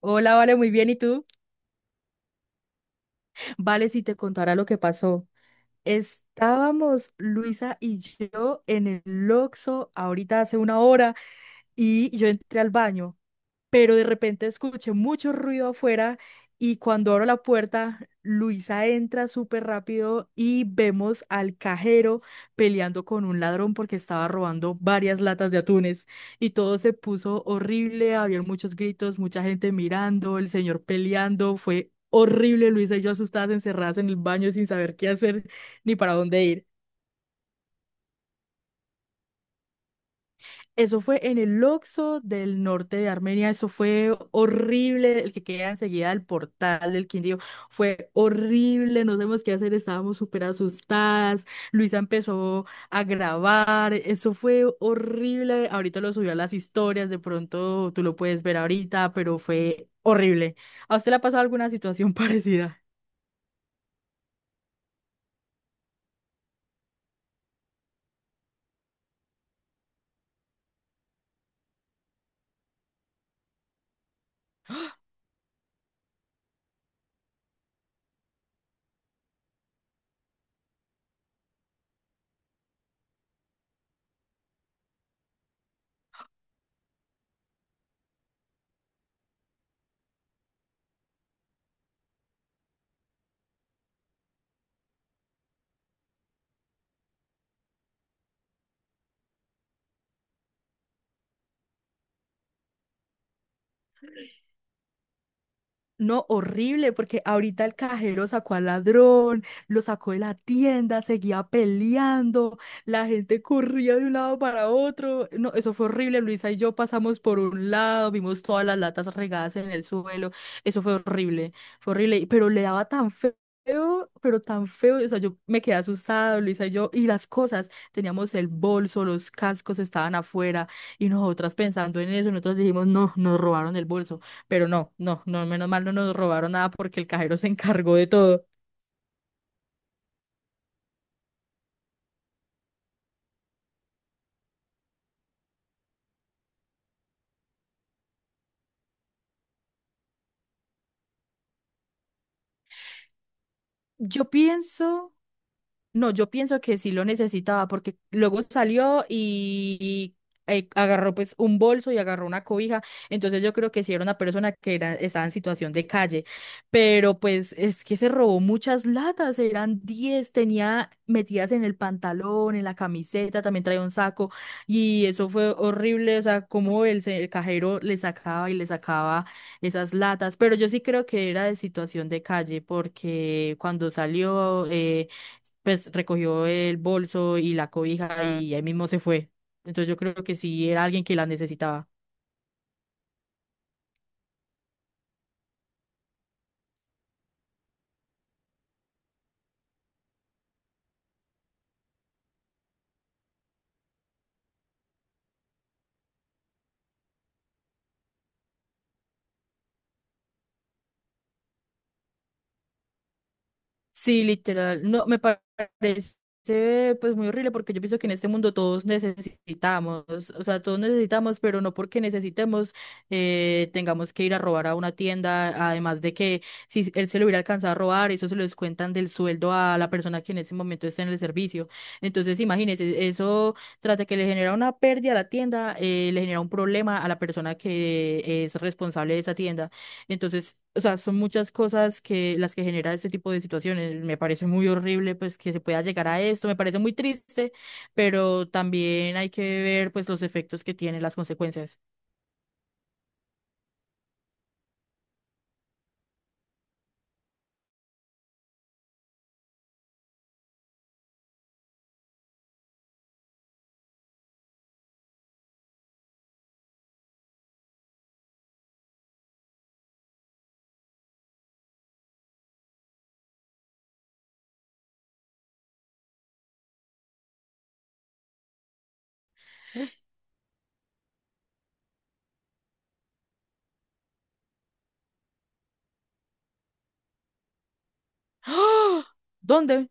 Hola, vale, muy bien. ¿Y tú? Vale, si te contara lo que pasó. Estábamos Luisa y yo en el Oxxo ahorita hace una hora y yo entré al baño, pero de repente escuché mucho ruido afuera y cuando abro la puerta, Luisa entra súper rápido y vemos al cajero peleando con un ladrón porque estaba robando varias latas de atunes y todo se puso horrible, había muchos gritos, mucha gente mirando, el señor peleando, fue horrible, Luisa y yo asustadas, encerradas en el baño sin saber qué hacer ni para dónde ir. Eso fue en el Oxxo del norte de Armenia, eso fue horrible, el que queda enseguida del portal del Quindío, fue horrible, no sabemos qué hacer, estábamos súper asustadas, Luisa empezó a grabar, eso fue horrible, ahorita lo subió a las historias, de pronto tú lo puedes ver ahorita, pero fue horrible. ¿A usted le ha pasado alguna situación parecida? No, horrible, porque ahorita el cajero sacó al ladrón, lo sacó de la tienda, seguía peleando, la gente corría de un lado para otro. No, eso fue horrible. Luisa y yo pasamos por un lado, vimos todas las latas regadas en el suelo. Eso fue horrible, pero le daba tan feo, pero tan feo, o sea, yo me quedé asustada, Luisa y yo, y las cosas, teníamos el bolso, los cascos estaban afuera, y nosotras pensando en eso, nosotros dijimos, no, nos robaron el bolso. Pero no, no, no, menos mal no nos robaron nada porque el cajero se encargó de todo. Yo pienso. No, yo pienso que sí lo necesitaba porque luego salió y agarró pues un bolso y agarró una cobija. Entonces yo creo que sí era una persona estaba en situación de calle. Pero pues es que se robó muchas latas, eran 10 tenía metidas en el pantalón, en la camiseta, también traía un saco y eso fue horrible. O sea, como el cajero le sacaba y le sacaba esas latas. Pero yo sí creo que era de situación de calle porque cuando salió... pues recogió el bolso y la cobija y ahí mismo se fue. Entonces yo creo que sí era alguien que la necesitaba. Sí, literal. No, me parece pues muy horrible porque yo pienso que en este mundo todos necesitamos, o sea, todos necesitamos, pero no porque necesitemos, tengamos que ir a robar a una tienda, además de que si él se lo hubiera alcanzado a robar, eso se lo descuentan del sueldo a la persona que en ese momento está en el servicio. Entonces, imagínese, eso trata que le genera una pérdida a la tienda, le genera un problema a la persona que es responsable de esa tienda. Entonces, o sea, son muchas cosas que las que genera este tipo de situaciones. Me parece muy horrible, pues, que se pueda llegar a esto. Me parece muy triste, pero también hay que ver, pues, los efectos que tienen las consecuencias. ¡Ah! ¿Dónde?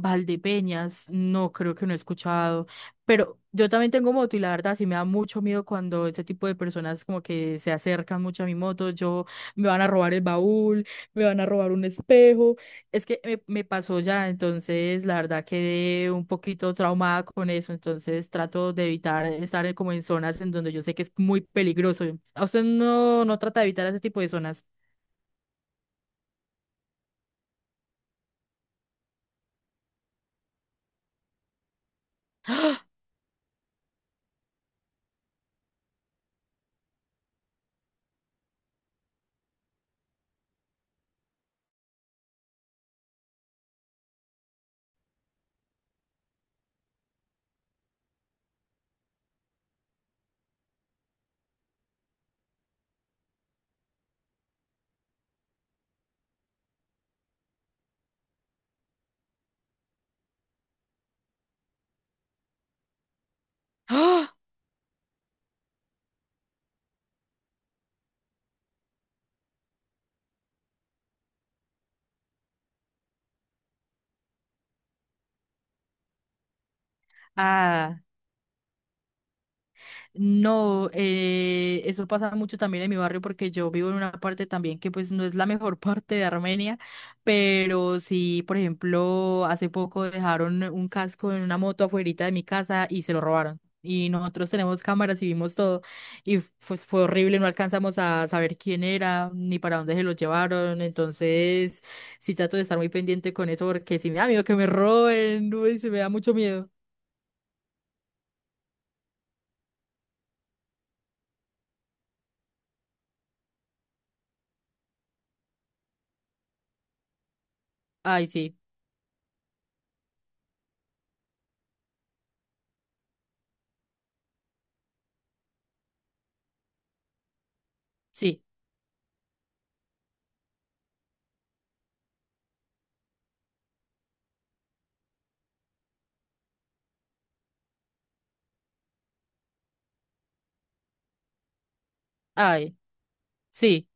Valdepeñas, no creo que no he escuchado, pero yo también tengo moto y la verdad sí me da mucho miedo cuando este tipo de personas como que se acercan mucho a mi moto, yo me van a robar el baúl, me van a robar un espejo, es que me pasó ya, entonces la verdad quedé un poquito traumada con eso, entonces trato de evitar estar en- como en zonas en donde yo sé que es muy peligroso. ¿A usted no, no trata de evitar ese tipo de zonas? ¡Ah! No, eso pasa mucho también en mi barrio porque yo vivo en una parte también que pues no es la mejor parte de Armenia, pero sí, por ejemplo, hace poco dejaron un casco en una moto afuerita de mi casa y se lo robaron. Y nosotros tenemos cámaras y vimos todo y pues fue horrible, no alcanzamos a saber quién era ni para dónde se lo llevaron, entonces sí trato de estar muy pendiente con eso porque si me da miedo que me roben, uy, se me da mucho miedo. Ay, sí, sí, ay, sí,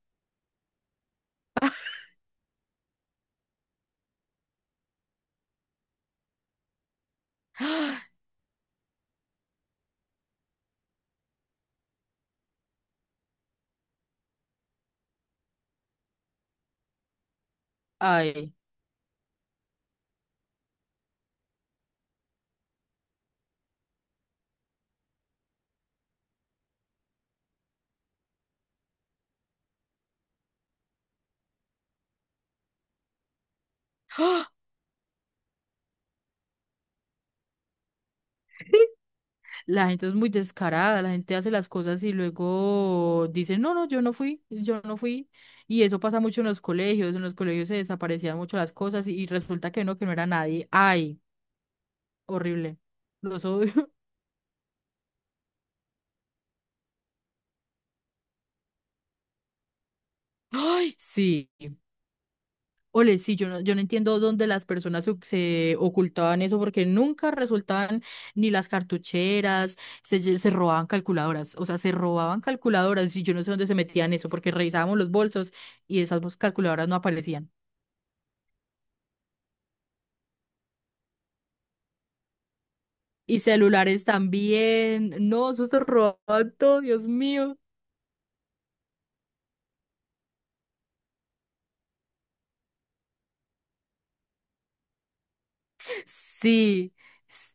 ay. ¡Ah! ¿Sí? La gente es muy descarada, la gente hace las cosas y luego dice, no, no, yo no fui, yo no fui. Y eso pasa mucho en los colegios se desaparecían mucho las cosas y resulta que no, que no era nadie, ay, horrible, los odio. Sí, ole, sí, yo no entiendo dónde las personas se ocultaban eso porque nunca resultaban ni las cartucheras, se robaban calculadoras, o sea, se robaban calculadoras y yo no sé dónde se metían eso porque revisábamos los bolsos y esas calculadoras no aparecían. Y celulares también. No, eso se robaban todo, Dios mío. Sí. s-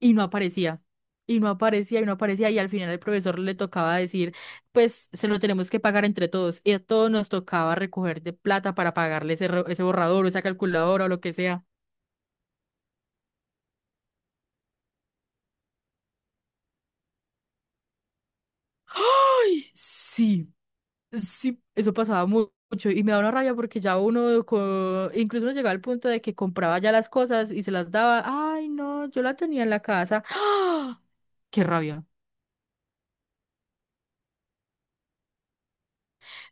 Y no aparecía. Y no aparecía, y no aparecía. Y al final el profesor le tocaba decir, pues se lo tenemos que pagar entre todos. Y a todos nos tocaba recoger de plata para pagarle ese, ese borrador o esa calculadora o lo que sea. Ay, sí, sí, eso pasaba mucho. Y me daba una rabia porque ya uno, incluso uno llegaba al punto de que compraba ya las cosas y se las daba. Ay, no, yo la tenía en la casa. Qué rabia.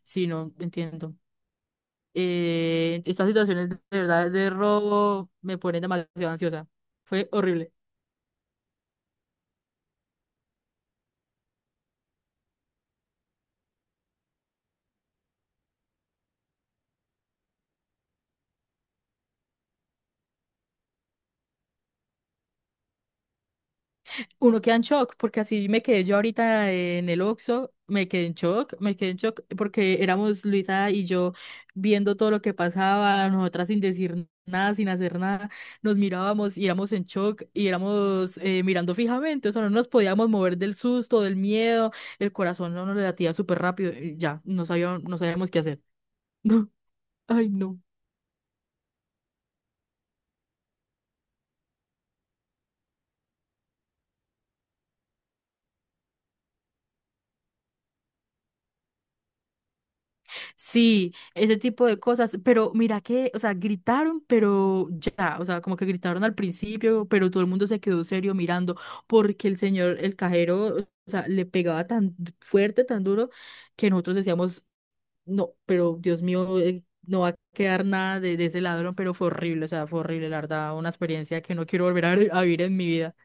Sí, no entiendo. Estas situaciones de verdad de robo me ponen demasiado ansiosa. Fue horrible. Uno queda en shock porque así me quedé yo ahorita en el Oxxo, me quedé en shock, me quedé en shock porque éramos Luisa y yo viendo todo lo que pasaba, nosotras sin decir nada, sin hacer nada, nos mirábamos y éramos en shock y éramos mirando fijamente, o sea, no nos podíamos mover del susto, del miedo, el corazón no nos latía súper rápido, y ya, no sabíamos, no sabíamos qué hacer. No, ay, no. Sí, ese tipo de cosas, pero mira que, o sea, gritaron, pero ya, o sea, como que gritaron al principio, pero todo el mundo se quedó serio mirando porque el señor, el cajero, o sea, le pegaba tan fuerte, tan duro, que nosotros decíamos, no, pero Dios mío, no va a quedar nada de ese ladrón, pero fue horrible, o sea, fue horrible, la verdad, una experiencia que no quiero volver a vivir en mi vida.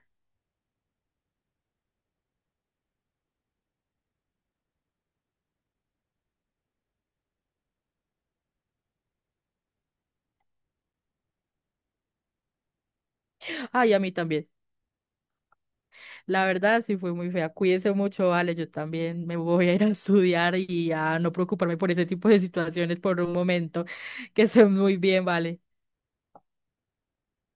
Ay, a mí también. La verdad, sí fue muy fea. Cuídese mucho, vale. Yo también me voy a ir a estudiar y a no preocuparme por ese tipo de situaciones por un momento. Que estén muy bien, vale.